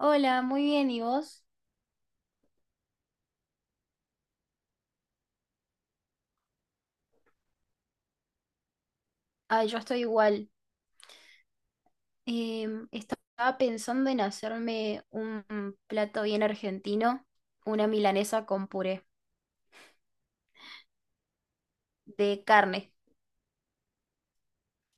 Hola, muy bien, ¿y vos? Ah, yo estoy igual. Estaba pensando en hacerme un plato bien argentino, una milanesa con puré de carne.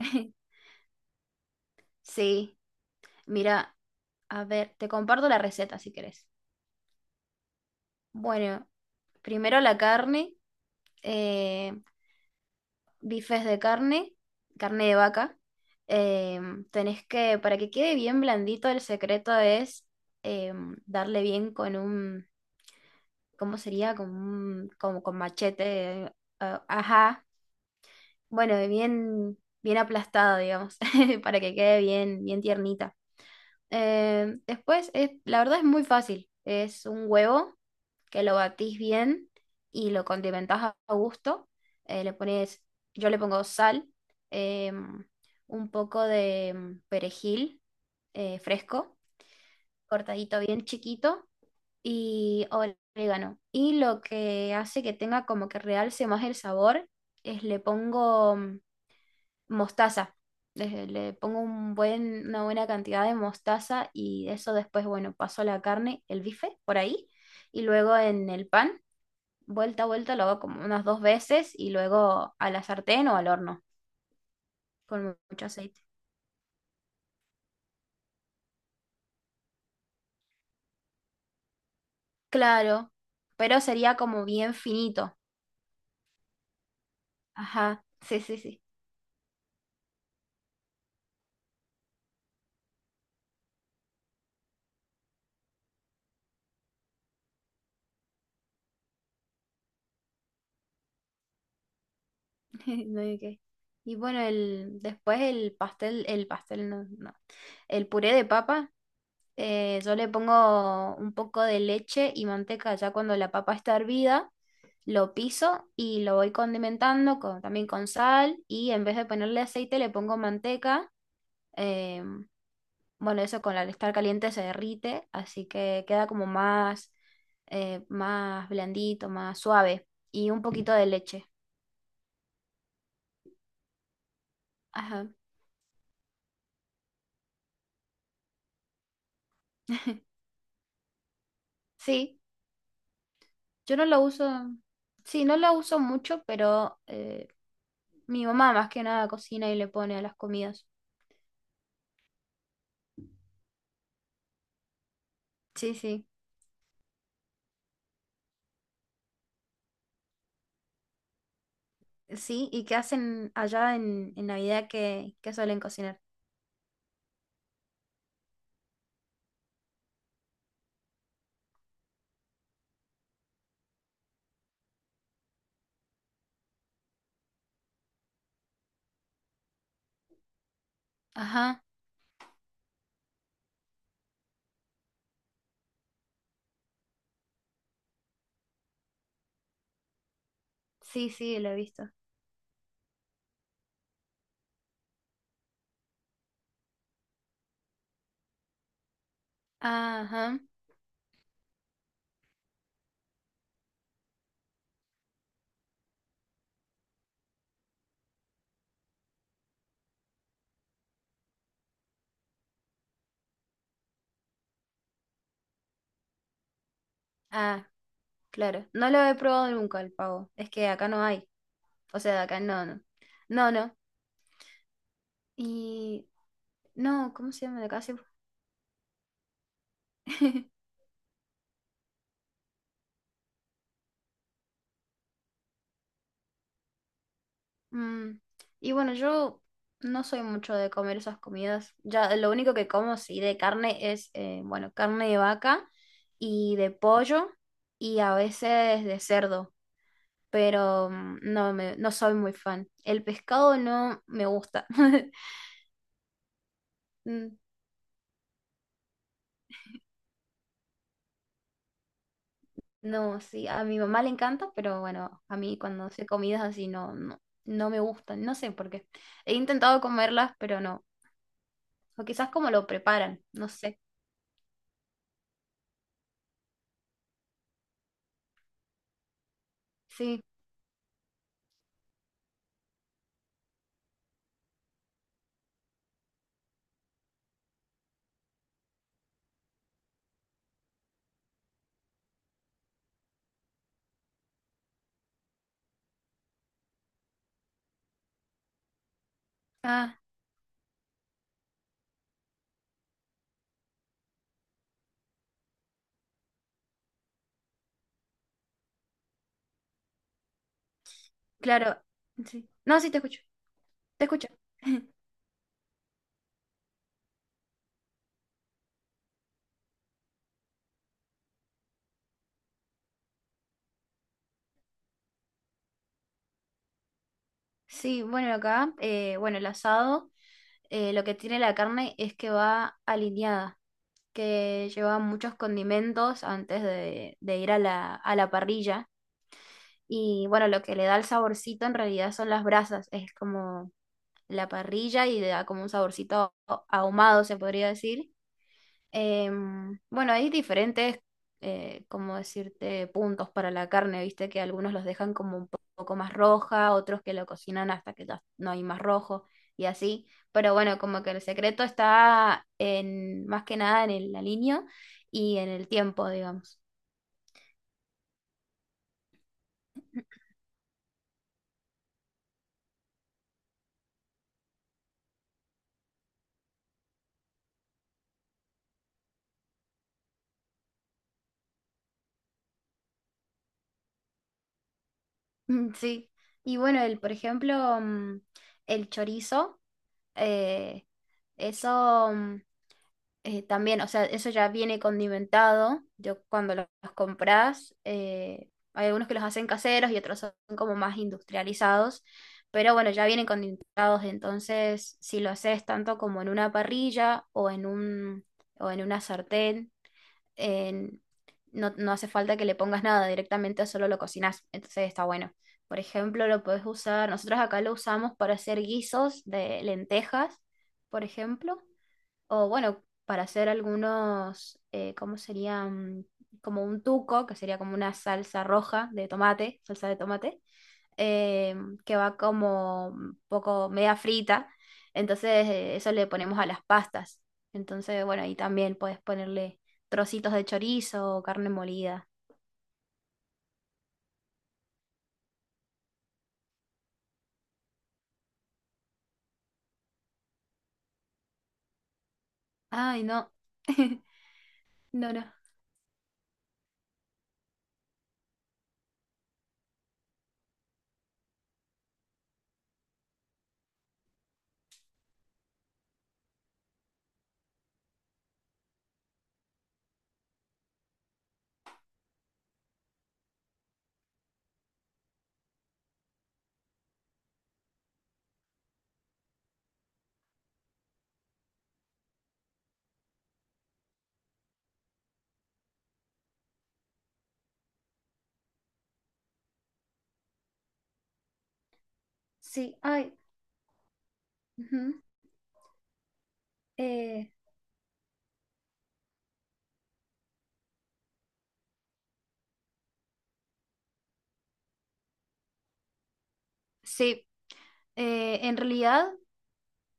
Sí, mira, a ver, te comparto la receta si querés. Bueno, primero la carne, eh, bifes de carne, carne de vaca. Tenés que, para que quede bien blandito, el secreto es darle bien con un, ¿cómo sería? Con, como con machete, ah, ajá, bueno, bien, bien aplastado, digamos, para que quede bien, bien tiernita. Después, es, la verdad es muy fácil, es un huevo que lo batís bien y lo condimentás a gusto. Le pones, yo le pongo sal, em, un poco de perejil fresco, cortadito bien chiquito, y orégano. Y lo que hace que tenga como que realce más el sabor es le pongo mostaza. Le pongo un buen, una buena cantidad de mostaza y eso después, bueno, paso la carne, el bife por ahí y luego en el pan, vuelta a vuelta, lo hago como unas dos veces y luego a la sartén o al horno con mucho aceite. Claro, pero sería como bien finito. Ajá, sí, sí, sí. No hay que- Y bueno, después el pastel no, no. El puré de papa, yo le pongo un poco de leche y manteca ya cuando la papa está hervida, lo piso y lo voy condimentando con, también con sal y en vez de ponerle aceite le pongo manteca. eh, bueno, eso con al estar caliente se derrite, así que queda como más, más blandito, más suave y un poquito de leche. Ajá. Sí. Yo no lo uso, sí, no lo uso mucho, pero mi mamá más que nada cocina y le pone a las comidas. Sí, sí. Sí, ¿y qué hacen allá en Navidad que suelen cocinar? Ajá, sí, sí, lo he visto. Ajá, ah, claro. No lo he probado nunca el pavo, es que acá no hay. O sea, acá no, no. No, no. Y no, ¿cómo se llama de acá? Sí. Mm, Y bueno, yo no soy mucho de comer esas comidas. Ya lo único que como sí de carne es, bueno, carne de vaca y de pollo y a veces de cerdo, pero no me, no soy muy fan. El pescado no me gusta. Mm, No, sí, a mi mamá le encanta, pero bueno, a mí cuando hace comidas así no, no, no me gustan, no sé por qué. He intentado comerlas, pero no. O quizás como lo preparan, no sé. Sí. Ah, claro, sí. No, sí, te escucho, te escucho. Sí, bueno, acá, bueno, el asado, lo que tiene la carne es que va alineada, que lleva muchos condimentos antes de ir a la parrilla. Y bueno, lo que le da el saborcito en realidad son las brasas, es como la parrilla y le da como un saborcito ahumado, se podría decir. Bueno, hay diferentes, como decirte, puntos para la carne, viste que algunos los dejan como un poco más roja, otros que lo cocinan hasta que ya no hay más rojo y así. Pero bueno, como que el secreto está en, más que nada en el aliño y en el tiempo, digamos. Mm. Sí. Y bueno, el, por ejemplo, el chorizo, eh, eso. También, o sea, eso ya viene condimentado. Yo cuando los, compras, hay algunos que los hacen caseros y otros son como más industrializados, pero bueno, ya vienen condimentados. Entonces, si lo haces tanto como en una parrilla o en un, o en una sartén, en- no, no hace falta que le pongas nada, directamente solo lo cocinas. Entonces está bueno. Por ejemplo, lo puedes usar, nosotros acá lo usamos para hacer guisos de lentejas, por ejemplo o bueno, para hacer algunos, ¿cómo serían? Como un tuco, que sería como una salsa roja de tomate, salsa de tomate, eh, que va como un poco media frita. Entonces, eso le ponemos a las pastas. Entonces, bueno, ahí también puedes ponerle trocitos de chorizo o carne molida. Ay, no. No, no. Sí, ay. Ujú. Eh, sí, en realidad.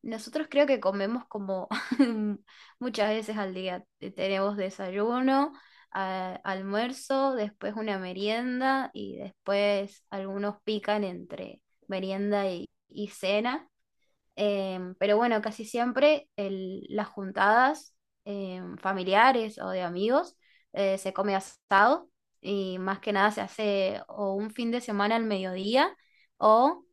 Nosotros creo que comemos como muchas veces al día. Tenemos desayuno, almuerzo, después una merienda y después algunos pican entre merienda y cena. Pero bueno, casi siempre las juntadas familiares o de amigos se come asado y más que nada se hace o un fin de semana al mediodía o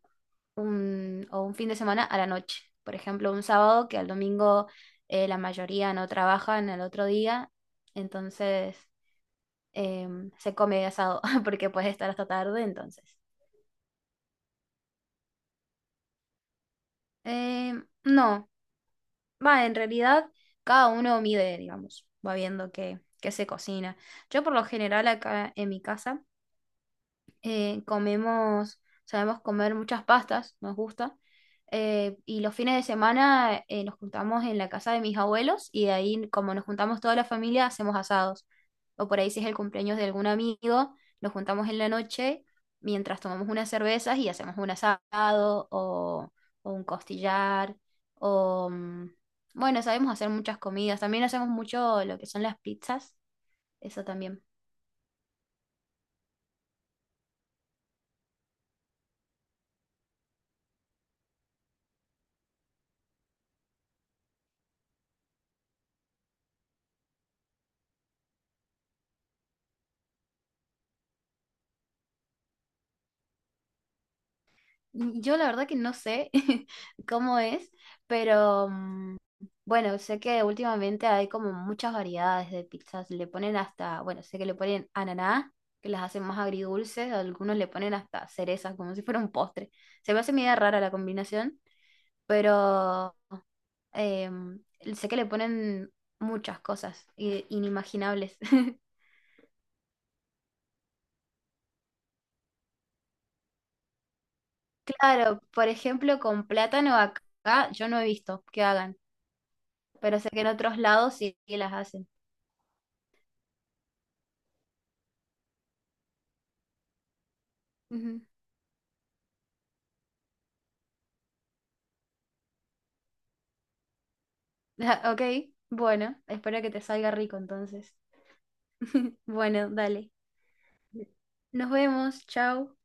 un fin de semana a la noche. Por ejemplo, un sábado que al domingo la mayoría no trabajan al otro día, entonces se come asado porque puede estar hasta tarde, entonces. No, va, en realidad cada uno mide, digamos, va viendo qué se cocina. Yo por lo general acá en mi casa comemos, sabemos comer muchas pastas, nos gusta. Y los fines de semana nos juntamos en la casa de mis abuelos y de ahí, como nos juntamos toda la familia, hacemos asados. O por ahí si es el cumpleaños de algún amigo, nos juntamos en la noche mientras tomamos unas cervezas y hacemos un asado o un costillar o... bueno, sabemos hacer muchas comidas. También hacemos mucho lo que son las pizzas. Eso también. Yo la verdad que no sé cómo es, pero bueno, sé que últimamente hay como muchas variedades de pizzas. Le ponen hasta, bueno, sé que le ponen ananá, que las hacen más agridulces, algunos le ponen hasta cerezas, como si fuera un postre. Se me hace media rara la combinación, pero em, sé que le ponen muchas cosas inimaginables. Claro, por ejemplo, con plátano acá yo no he visto que hagan, pero sé que en otros lados sí que las hacen. Ujú. Ah, Ok, bueno, espero que te salga rico entonces. Bueno, dale. Nos vemos, chao.